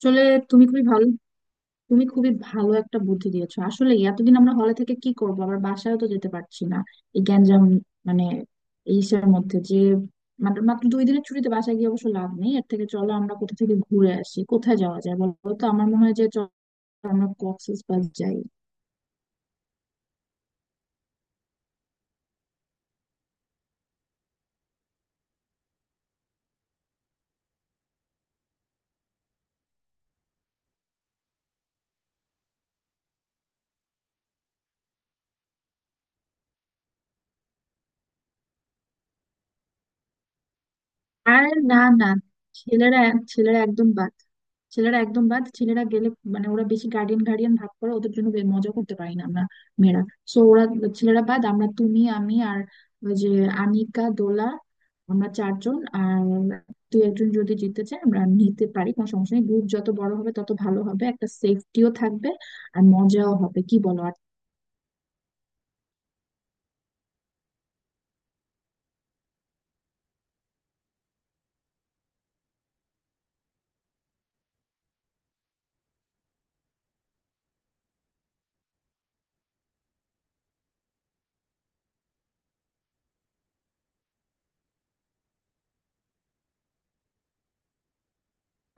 আসলে, তুমি খুবই ভালো তুমি খুবই ভালো একটা বুদ্ধি দিয়েছো। আসলে এতদিন আমরা হলে থেকে কি করবো, আবার বাসায়ও তো যেতে পারছি না, এই গ্যাঞ্জাম মানে এইসের মধ্যে যে মাত্র মাত্র 2 দিনের ছুটিতে বাসায় গিয়ে অবশ্য লাভ নেই। এর থেকে চলো আমরা কোথা থেকে ঘুরে আসি। কোথায় যাওয়া যায় বলো তো? আমার মনে হয় যে চলো আমরা কক্সেস বাজার যাই। আর না, না, ছেলেরা ছেলেরা একদম বাদ ছেলেরা একদম বাদ ছেলেরা গেলে মানে ওরা বেশি গার্ডিয়ান গার্ডিয়ান ভাব করে, ওদের জন্য মজা করতে পারি না আমরা মেয়েরা। সো ওরা, ছেলেরা বাদ। আমরা তুমি আমি আর ওই যে আনিকা, দোলা, আমরা চারজন, আর তুই একজন যদি জিততে চায় আমরা নিতে পারি, কোনো সমস্যা নেই। গ্রুপ যত বড় হবে তত ভালো হবে, একটা সেফটিও থাকবে আর মজাও হবে, কি বলো?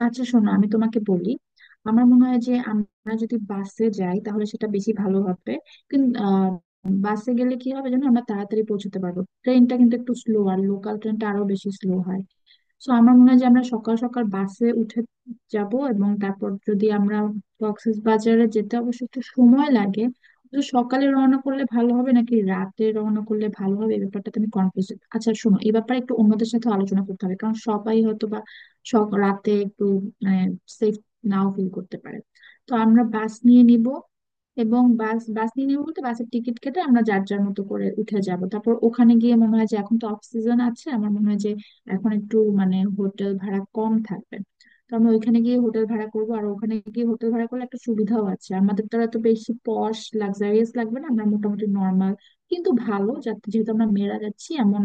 আচ্ছা শোনো, আমি তোমাকে বলি। আমার মনে হয় যে আমরা যদি বাসে যাই তাহলে সেটা বেশি ভালো হবে। কিন্তু বাসে গেলে কি হবে জানো, আমরা তাড়াতাড়ি পৌঁছতে পারবো। ট্রেনটা কিন্তু একটু স্লো, আর লোকাল ট্রেনটা আরো বেশি স্লো হয়। সো আমার মনে হয় যে আমরা সকাল সকাল বাসে উঠে যাব, এবং তারপর যদি আমরা বাজারে যেতে অবশ্য একটু সময় লাগে, তো সকালে রওনা করলে ভালো হবে নাকি রাতে রওনা করলে ভালো হবে এই ব্যাপারটা তুমি কনফিউজ। আচ্ছা শোনো, এই ব্যাপারে একটু অন্যদের সাথে আলোচনা করতে হবে, কারণ সবাই হয়তো রাতে একটু মানে সেফ নাও ফিল করতে পারে। তো আমরা বাস নিয়ে নিব, এবং বাস বাস নিয়ে নিবো বলতে বাসের টিকিট কেটে আমরা যার যার মতো করে উঠে যাব। তারপর ওখানে গিয়ে মনে হয় যে এখন তো অফ সিজন আছে। আমার মনে হয় যে এখন একটু মানে হোটেল ভাড়া কম থাকবে, তো আমরা ওইখানে গিয়ে হোটেল ভাড়া করব। আর ওখানে গিয়ে হোটেল ভাড়া করলে একটা সুবিধাও আছে, আমাদের দ্বারা তো আর এত বেশি পশ লাক্সারিয়াস লাগবে না, আমরা মোটামুটি নর্মাল কিন্তু ভালো, যাতে যেহেতু আমরা মেয়েরা যাচ্ছি, এমন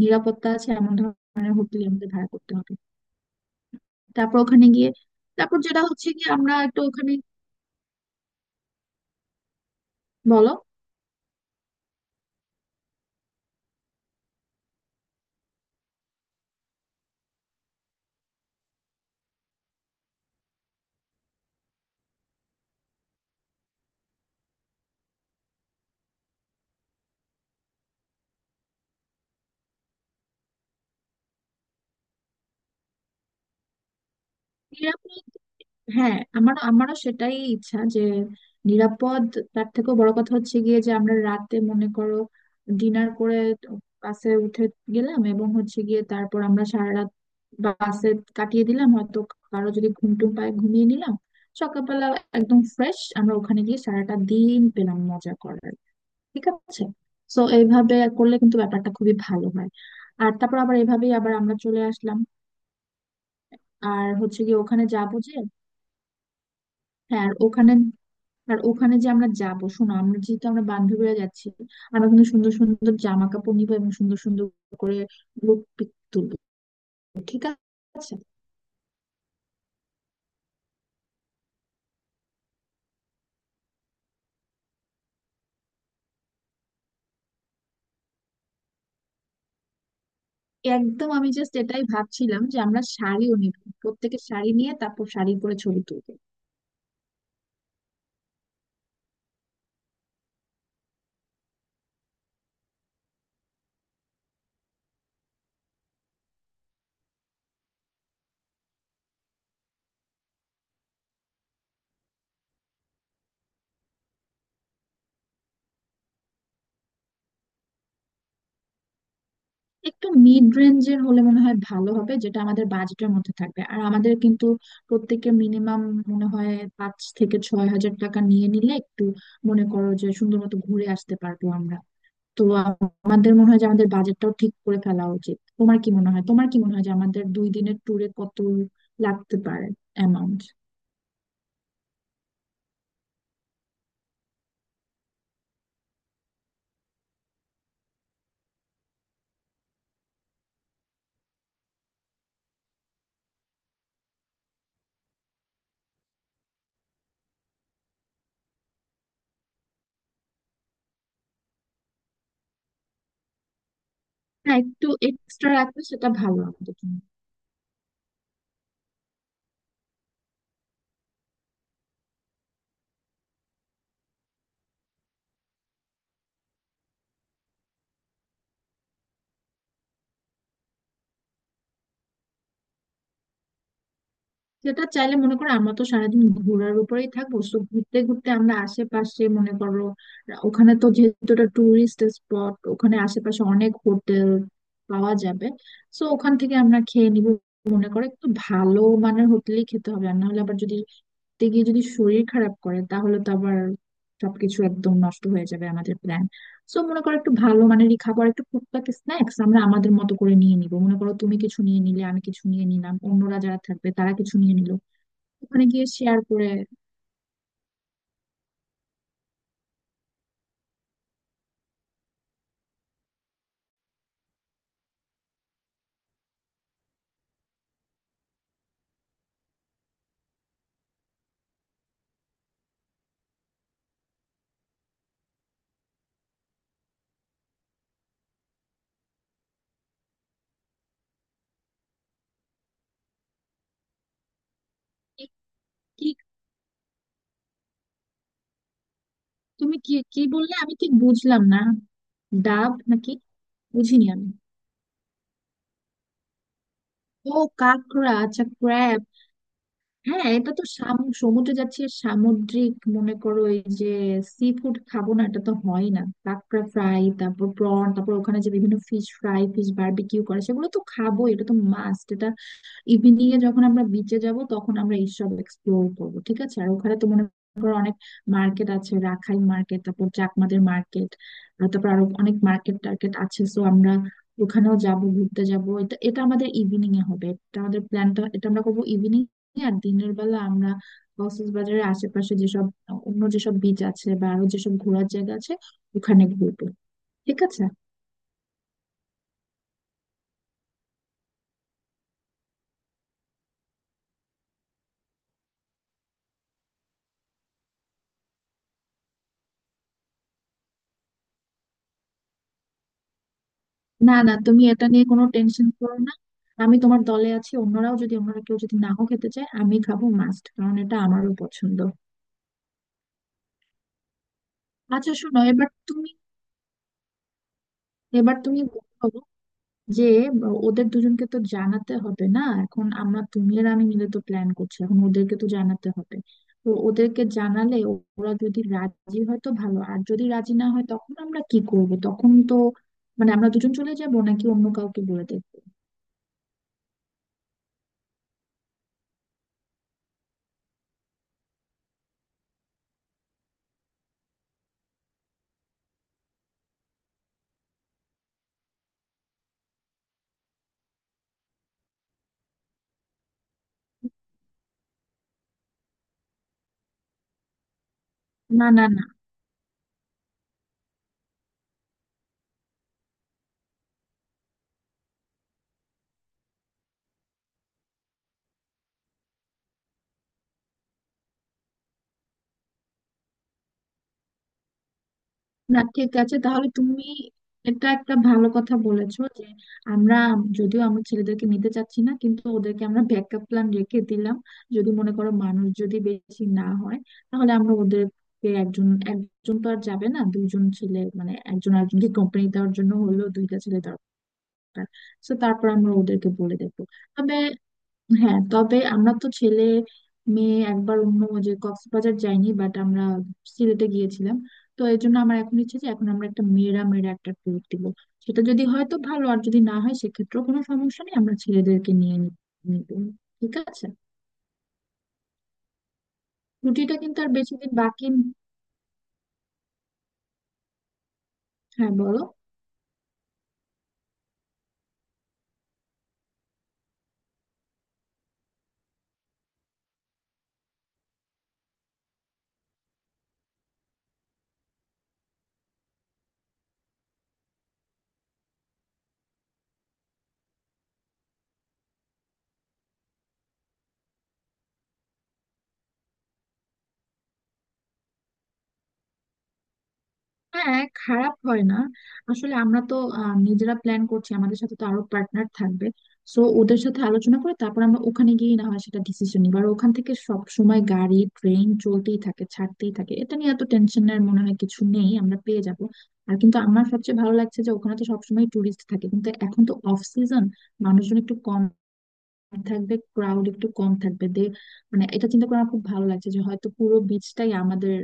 নিরাপত্তা আছে এমন ধরনের হোটেল আমাদের ভাড়া করতে হবে। তারপর ওখানে গিয়ে তারপর যেটা হচ্ছে কি আমরা একটু ওখানে, বলো, নিরাপদ। হ্যাঁ, আমারও সেটাই ইচ্ছা যে নিরাপদ। তার থেকেও বড় কথা হচ্ছে গিয়ে যে আমরা রাতে মনে করো ডিনার করে বাসে উঠে গেলাম, এবং হচ্ছে গিয়ে তারপর আমরা সারা রাত বাসে কাটিয়ে দিলাম, হয়তো কারো যদি ঘুম টুম পায় ঘুমিয়ে নিলাম। সকালবেলা একদম ফ্রেশ আমরা ওখানে গিয়ে সারাটা দিন পেলাম মজা করার, ঠিক আছে? সো এইভাবে করলে কিন্তু ব্যাপারটা খুবই ভালো হয়। আর তারপর আবার এভাবেই আবার আমরা চলে আসলাম। আর হচ্ছে গিয়ে ওখানে যাবো যে, হ্যাঁ। আর ওখানে যে আমরা যাবো, শোনো, যেহেতু আমরা বান্ধবীরা যাচ্ছি, আমরা কিন্তু সুন্দর সুন্দর জামা কাপড় নিবো এবং সুন্দর সুন্দর করে লুক পিক তুলবো, ঠিক আছে? একদম, আমি জাস্ট এটাই ভাবছিলাম যে আমরা শাড়িও নিব। প্রত্যেকের শাড়ি নিয়ে তারপর শাড়ি পরে ছবি তুলবো। একটু মিড রেঞ্জের হলে মনে হয় ভালো হবে, যেটা আমাদের বাজেটের মধ্যে থাকবে। আর আমাদের কিন্তু প্রত্যেকের মিনিমাম মনে হয় 5 থেকে 6 হাজার টাকা নিয়ে নিলে একটু মনে করো যে সুন্দর মতো ঘুরে আসতে পারবো আমরা। তো আমাদের মনে হয় যে আমাদের বাজেটটাও ঠিক করে ফেলা উচিত। তোমার কি মনে হয় যে আমাদের 2 দিনের ট্যুরে কত লাগতে পারে অ্যামাউন্ট? হ্যাঁ, একটু এক্সট্রা রাখলে সেটা ভালো আমাদের জন্য। সেটা চাইলে মনে করো আমরা তো সারাদিন ঘোরার উপরেই থাকবো, তো ঘুরতে ঘুরতে আমরা আশেপাশে মনে করো, ওখানে তো যেহেতু এটা টুরিস্ট স্পট ওখানে আশেপাশে অনেক হোটেল পাওয়া যাবে, তো ওখান থেকে আমরা খেয়ে নিব। মনে করো একটু ভালো মানের হোটেলই খেতে হবে, আর না হলে আবার যদি ঘুরতে গিয়ে যদি শরীর খারাপ করে তাহলে তো আবার সবকিছু একদম নষ্ট হয়ে যাবে আমাদের প্ল্যান। সো মনে করো একটু ভালো মানেরই খাবার, একটু টুকটাক স্ন্যাক্স আমরা আমাদের মতো করে নিয়ে নিব। মনে করো তুমি কিছু নিয়ে নিলে, আমি কিছু নিয়ে নিলাম, অন্যরা যারা থাকবে তারা কিছু নিয়ে নিল, ওখানে গিয়ে শেয়ার করে। কি কি তুমি কি কি বললে আমি ঠিক বুঝলাম না। ডাব নাকি? বুঝিনি আমি। ও, কাঁকড়া, আচ্ছা, ক্র্যাব। হ্যাঁ, এটা তো সমুদ্রে যাচ্ছি আর সামুদ্রিক মনে করো এই যে সি ফুড খাবো না, এটা তো হয় না। কাঁকড়া ফ্রাই, তারপর প্রন, তারপর ওখানে যে বিভিন্ন ফিশ ফ্রাই, ফিশ বারবিকিউ করে সেগুলো তো খাবো, এটা তো মাস্ট। ইভিনিং এ যখন আমরা বিচে যাব তখন আমরা এইসব এক্সপ্লোর করব, ঠিক আছে? আর ওখানে তো মনে করো অনেক মার্কেট আছে, রাখাইন মার্কেট, তারপর চাকমাদের মার্কেট, তারপর আরো অনেক মার্কেট টার্কেট আছে, সো আমরা ওখানেও যাব, ঘুরতে যাব, এটা এটা আমাদের ইভিনিং এ হবে। এটা আমাদের প্ল্যানটা, এটা আমরা করবো ইভিনিং এ। আর দিনের বেলা আমরা কক্সবাজারের আশেপাশে যেসব অন্য যেসব বিচ আছে বা আরো যেসব ঘোরার জায়গা আছে ওখানে ঘুরবো, ঠিক আছে? না, না, তুমি এটা নিয়ে কোনো টেনশন করো না। আমি তোমার দলে আছি, অন্যরাও যদি, অন্যরা কেউ যদি নাও খেতে চায় আমি খাবো মাস্ট, কারণ এটা আমারও পছন্দ। আচ্ছা শোনো, এবার তুমি বলো যে ওদের দুজনকে তো জানাতে হবে না? এখন আমরা তুমি আর আমি মিলে তো প্ল্যান করছি, এখন ওদেরকে তো জানাতে হবে। তো ওদেরকে জানালে ওরা যদি রাজি হয় তো ভালো, আর যদি রাজি না হয় তখন আমরা কি করব? তখন তো মানে আমরা দুজন চলে যাব নাকি অন্য কাউকে বলে দেবো? না, না, না, না, ঠিক আছে, তাহলে তুমি এটা একটা ভালো কথা বলেছো যে আমরা, যদিও আমার ছেলেদেরকে নিতে চাচ্ছি না কিন্তু ওদেরকে আমরা ব্যাকআপ প্ল্যান রেখে দিলাম। যদি মনে করো মানুষ যদি বেশি না হয় তাহলে আমরা ওদেরকে, একজন একজন তো আর যাবে না, দুইজন ছেলে, মানে একজন আরেকজনকে কোম্পানি দেওয়ার জন্য হলেও দুইটা ছেলে দরকার, তো তারপর আমরা ওদেরকে বলে দেবো। তবে হ্যাঁ, তবে আমরা তো ছেলে মেয়ে একবার অন্য যে কক্সবাজার যাইনি, বাট আমরা সিলেটে গিয়েছিলাম। তো এই জন্য আমার এখন ইচ্ছে যে এখন আমরা একটা মেয়েরা মেয়েরা একটা ট্যুর দিব। সেটা যদি হয় তো ভালো, আর যদি না হয় সেক্ষেত্রেও কোনো সমস্যা নেই, আমরা ছেলেদেরকে নিয়ে নিব, ঠিক আছে? ছুটিটা কিন্তু আর বেশি দিন বাকি। হ্যাঁ বলো। হ্যাঁ, খারাপ হয় না। আসলে আমরা তো নিজেরা প্ল্যান করছি, আমাদের সাথে তো আরো পার্টনার থাকবে। সো ওদের সাথে আলোচনা করে তারপর আমরা ওখানে গিয়ে না হয় সেটা ডিসিশন নিব, আর ওখান থেকে সব সময় গাড়ি ট্রেন চলতেই থাকে, ছাড়তেই থাকে, এটা নিয়ে এত টেনশনের মনে হয় কিছু নেই, আমরা পেয়ে যাব। আর কিন্তু আমার সবচেয়ে ভালো লাগছে যে ওখানে তো সবসময় টুরিস্ট থাকে কিন্তু এখন তো অফ সিজন, মানুষজন একটু কম থাকবে, ক্রাউড একটু কম থাকবে। মানে এটা চিন্তা করে আমার খুব ভালো লাগছে যে হয়তো পুরো বিচটাই আমাদের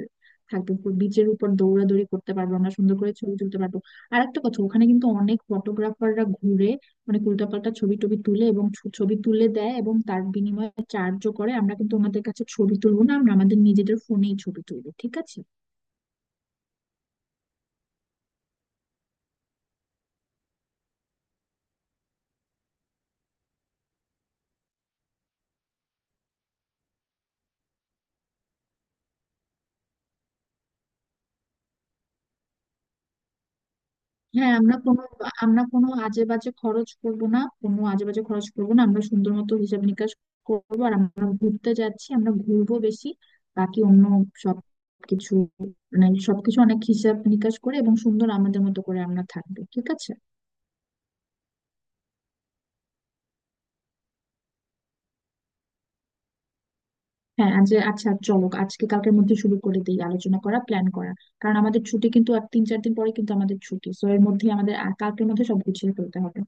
থাকবে, পুরো বিচের উপর দৌড়াদৌড়ি করতে পারবো, আমরা সুন্দর করে ছবি তুলতে পারবো। আর একটা কথা, ওখানে কিন্তু অনেক ফটোগ্রাফাররা ঘুরে মানে উল্টাপাল্টা ছবি টবি তুলে এবং ছবি তুলে দেয় এবং তার বিনিময়ে চার্জও করে। আমরা কিন্তু ওনাদের কাছে ছবি তুলবো না, আমরা আমাদের নিজেদের ফোনেই ছবি তুলবো, ঠিক আছে? হ্যাঁ, আমরা কোনো আজে বাজে খরচ করব না। আমরা সুন্দর মতো হিসাব নিকাশ করবো, আর আমরা ঘুরতে যাচ্ছি আমরা ঘুরবো বেশি, বাকি অন্য সব কিছু মানে সবকিছু অনেক হিসাব নিকাশ করে এবং সুন্দর আমাদের মতো করে আমরা থাকবো, ঠিক আছে? হ্যাঁ, আজ, আচ্ছা চলো আজকে কালকের মধ্যে শুরু করে দিই আলোচনা করা, প্ল্যান করা। কারণ আমাদের ছুটি কিন্তু আর 3-4 দিন পরে কিন্তু আমাদের ছুটি, সো এর মধ্যে আমাদের কালকের মধ্যে সব গুছিয়ে ফেলতে হবে।